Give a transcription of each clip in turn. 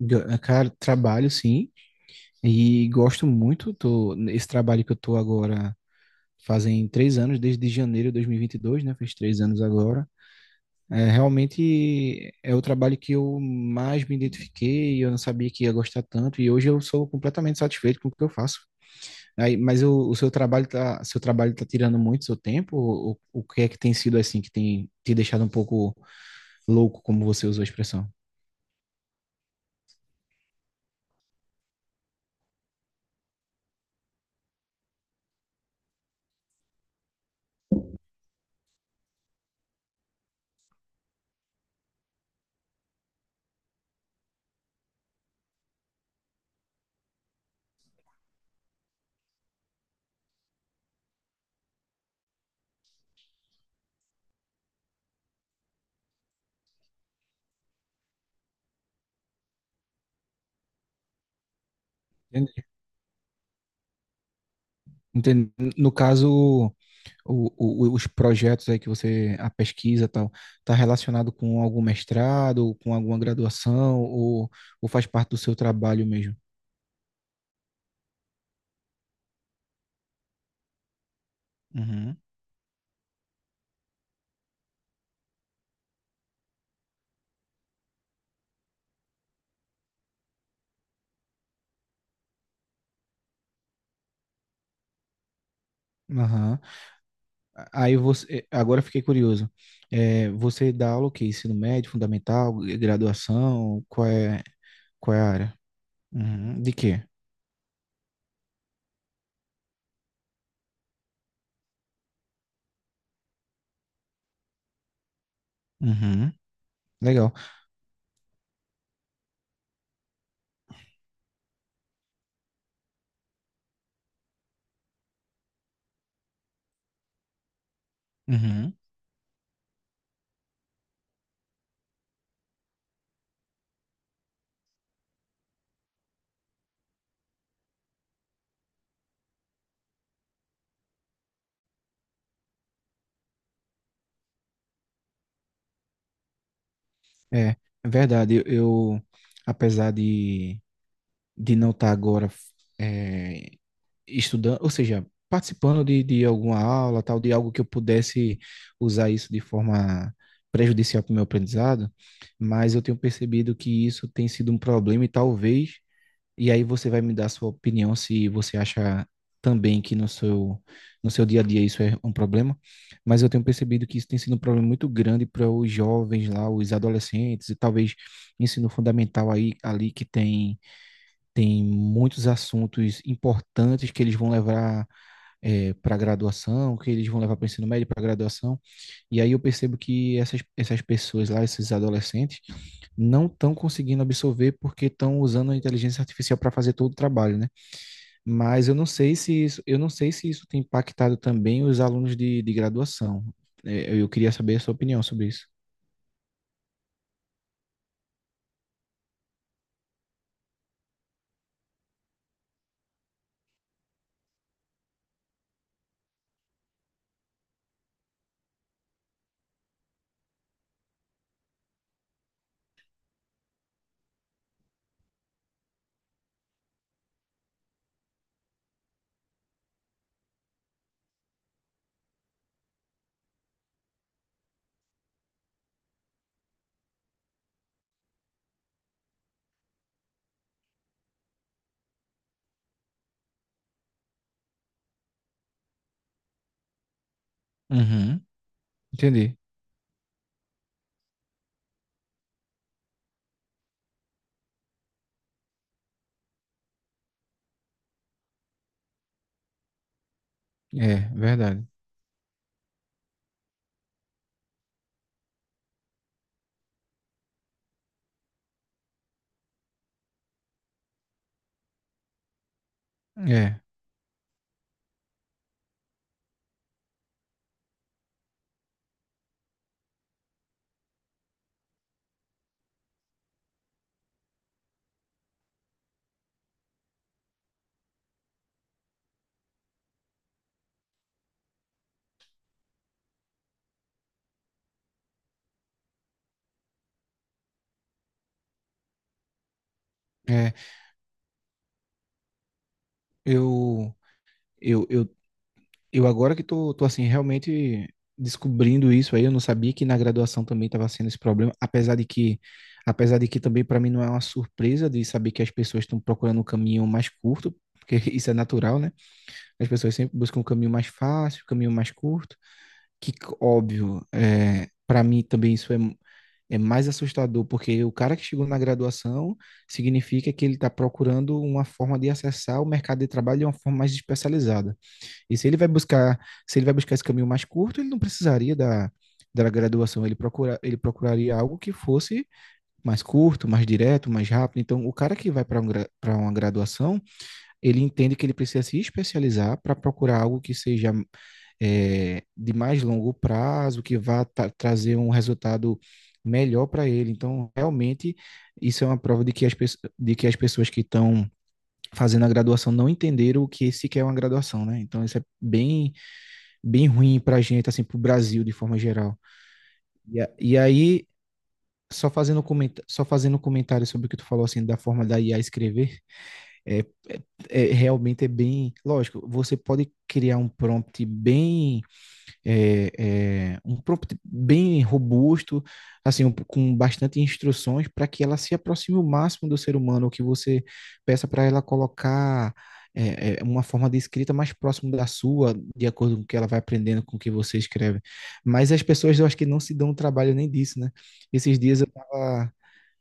Cara, trabalho sim, e gosto muito. Esse trabalho que eu tô agora fazem três anos, desde janeiro de dois mil e vinte e dois, né? Fez três anos agora. É, realmente é o trabalho que eu mais me identifiquei, eu não sabia que ia gostar tanto, e hoje eu sou completamente satisfeito com o que eu faço. Aí, mas o seu trabalho tá tirando muito seu tempo? O que é que tem sido assim que tem te deixado um pouco louco, como você usou a expressão? Entendi. Entendi. No caso, os projetos aí que você, a pesquisa e tal, está relacionado com algum mestrado, com alguma graduação, ou faz parte do seu trabalho mesmo? Uhum. Aham. Aí você, agora eu fiquei curioso. É, você dá aula o quê? Ensino médio, fundamental, graduação? Qual é a área? Uhum. De quê? Uhum. Legal. Uhum. É, é verdade. Apesar de não estar agora estudando, ou seja, participando de alguma aula, tal, de algo que eu pudesse usar isso de forma prejudicial para o meu aprendizado, mas eu tenho percebido que isso tem sido um problema e talvez, e aí você vai me dar a sua opinião se você acha também que no seu, no seu dia a dia isso é um problema, mas eu tenho percebido que isso tem sido um problema muito grande para os jovens lá, os adolescentes e talvez ensino fundamental aí, ali que tem muitos assuntos importantes que eles vão levar, é, para a graduação, que eles vão levar para o ensino médio, para a graduação. E aí eu percebo que essas pessoas lá, esses adolescentes, não estão conseguindo absorver porque estão usando a inteligência artificial para fazer todo o trabalho, né? Mas eu não sei se isso, eu não sei se isso tem impactado também os alunos de graduação. É, eu queria saber a sua opinião sobre isso. Uhum. Entendi. É, verdade. É, é. Eu, eu eu agora que tô, tô assim, realmente descobrindo isso aí, eu não sabia que na graduação também estava sendo esse problema, apesar de que também para mim não é uma surpresa de saber que as pessoas estão procurando um caminho mais curto, porque isso é natural, né? As pessoas sempre buscam um caminho mais fácil, um caminho mais curto, que óbvio, é, para mim também isso é é mais assustador, porque o cara que chegou na graduação significa que ele está procurando uma forma de acessar o mercado de trabalho de uma forma mais especializada. E se ele vai buscar, se ele vai buscar esse caminho mais curto, ele não precisaria da, da graduação, ele procuraria algo que fosse mais curto, mais direto, mais rápido. Então, o cara que vai para um, para uma graduação, ele entende que ele precisa se especializar para procurar algo que seja, é, de mais longo prazo, que vá trazer um resultado melhor para ele. Então, realmente, isso é uma prova de que de que as pessoas que estão fazendo a graduação não entenderam o que se quer uma graduação, né? Então, isso é bem ruim pra gente, assim, pro Brasil de forma geral. E, a- e aí, só fazendo, comenta só fazendo um comentário sobre o que tu falou, assim, da forma da IA escrever, é, é, realmente é bem... Lógico, você pode criar um prompt bem é, é, um prompt bem robusto, assim, com bastante instruções para que ela se aproxime o máximo do ser humano, ou que você peça para ela colocar, é, é, uma forma de escrita mais próximo da sua, de acordo com o que ela vai aprendendo com o que você escreve. Mas as pessoas, eu acho que não se dão o trabalho nem disso, né? Esses dias eu tava,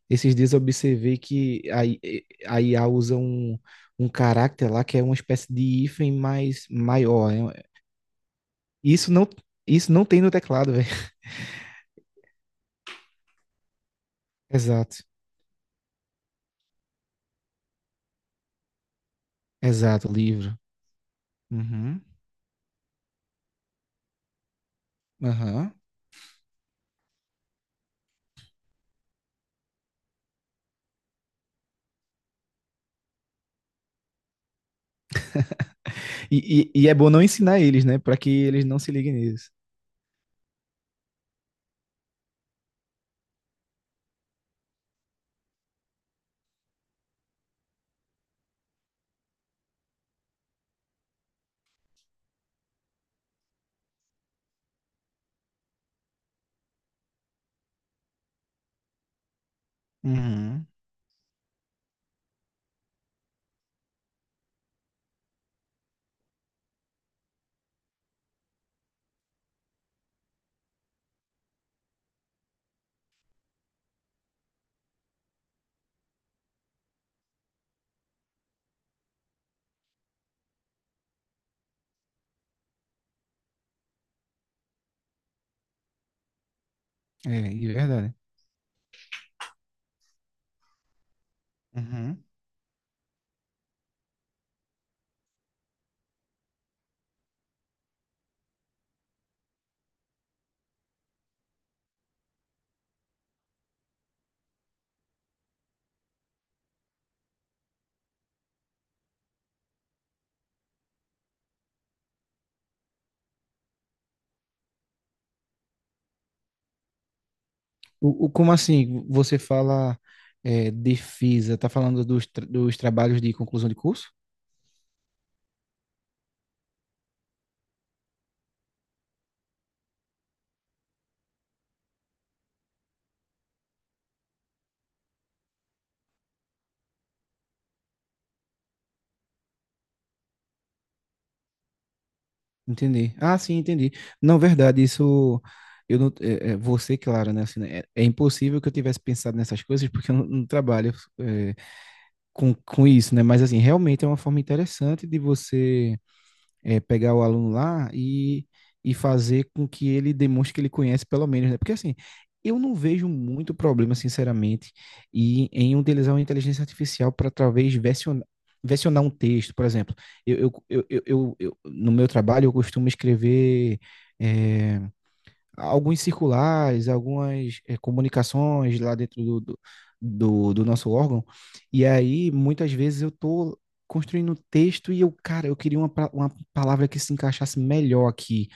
esses dias eu observei a IA usa um caráter lá que é uma espécie de hífen mais maior, né? E Isso não, isso não tem no teclado, velho. Exato, exato, livro. Uhum, aham. E é bom não ensinar eles, né? Pra que eles não se liguem nisso. Uhum. É, de verdade. Uhum. Como assim? Você fala, é, defesa, tá falando dos, dos trabalhos de conclusão de curso? Entendi. Ah, sim, entendi. Não, verdade, isso eu não, é, é, você, claro, né? Assim, né, é, é impossível que eu tivesse pensado nessas coisas porque eu não, não trabalho, é, com isso, né? Mas assim, realmente é uma forma interessante de você, é, pegar o aluno lá e fazer com que ele demonstre que ele conhece pelo menos, né? Porque assim, eu não vejo muito problema, sinceramente, em utilizar uma inteligência artificial para talvez versionar um texto, por exemplo. No meu trabalho, eu costumo escrever. É, alguns circulares, algumas comunicações lá dentro do nosso órgão. E aí, muitas vezes, eu tô construindo um texto e eu, cara, eu queria uma palavra que se encaixasse melhor aqui.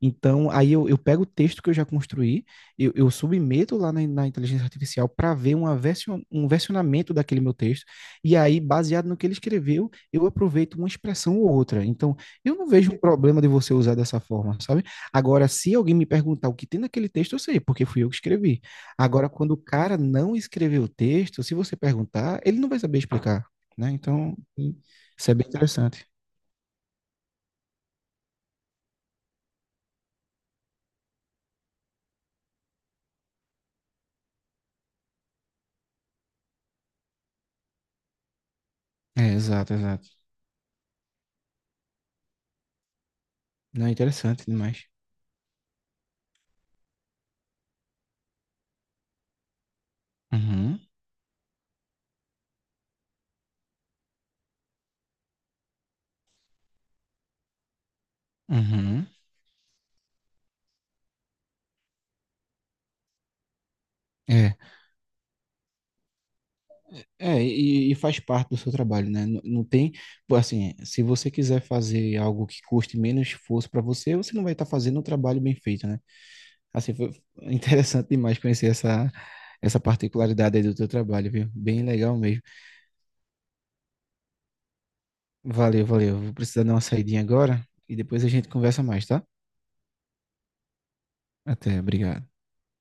Então, eu pego o texto que eu já construí, eu submeto lá na inteligência artificial para ver um versionamento daquele meu texto. E aí, baseado no que ele escreveu, eu aproveito uma expressão ou outra. Então, eu não vejo um problema de você usar dessa forma, sabe? Agora, se alguém me perguntar o que tem naquele texto, eu sei, porque fui eu que escrevi. Agora, quando o cara não escreveu o texto, se você perguntar, ele não vai saber explicar, né? Então, isso é bem interessante. É, exato, exato. Não, é interessante demais. Uhum, uhum. É, e faz parte do seu trabalho, né? Não, não tem, pô, assim, se você quiser fazer algo que custe menos esforço para você, você não vai estar fazendo um trabalho bem feito, né? Assim, foi interessante demais conhecer essa, essa particularidade aí do teu trabalho, viu? Bem legal mesmo. Valeu, valeu. Vou precisar dar uma saidinha agora e depois a gente conversa mais, tá? Até, obrigado.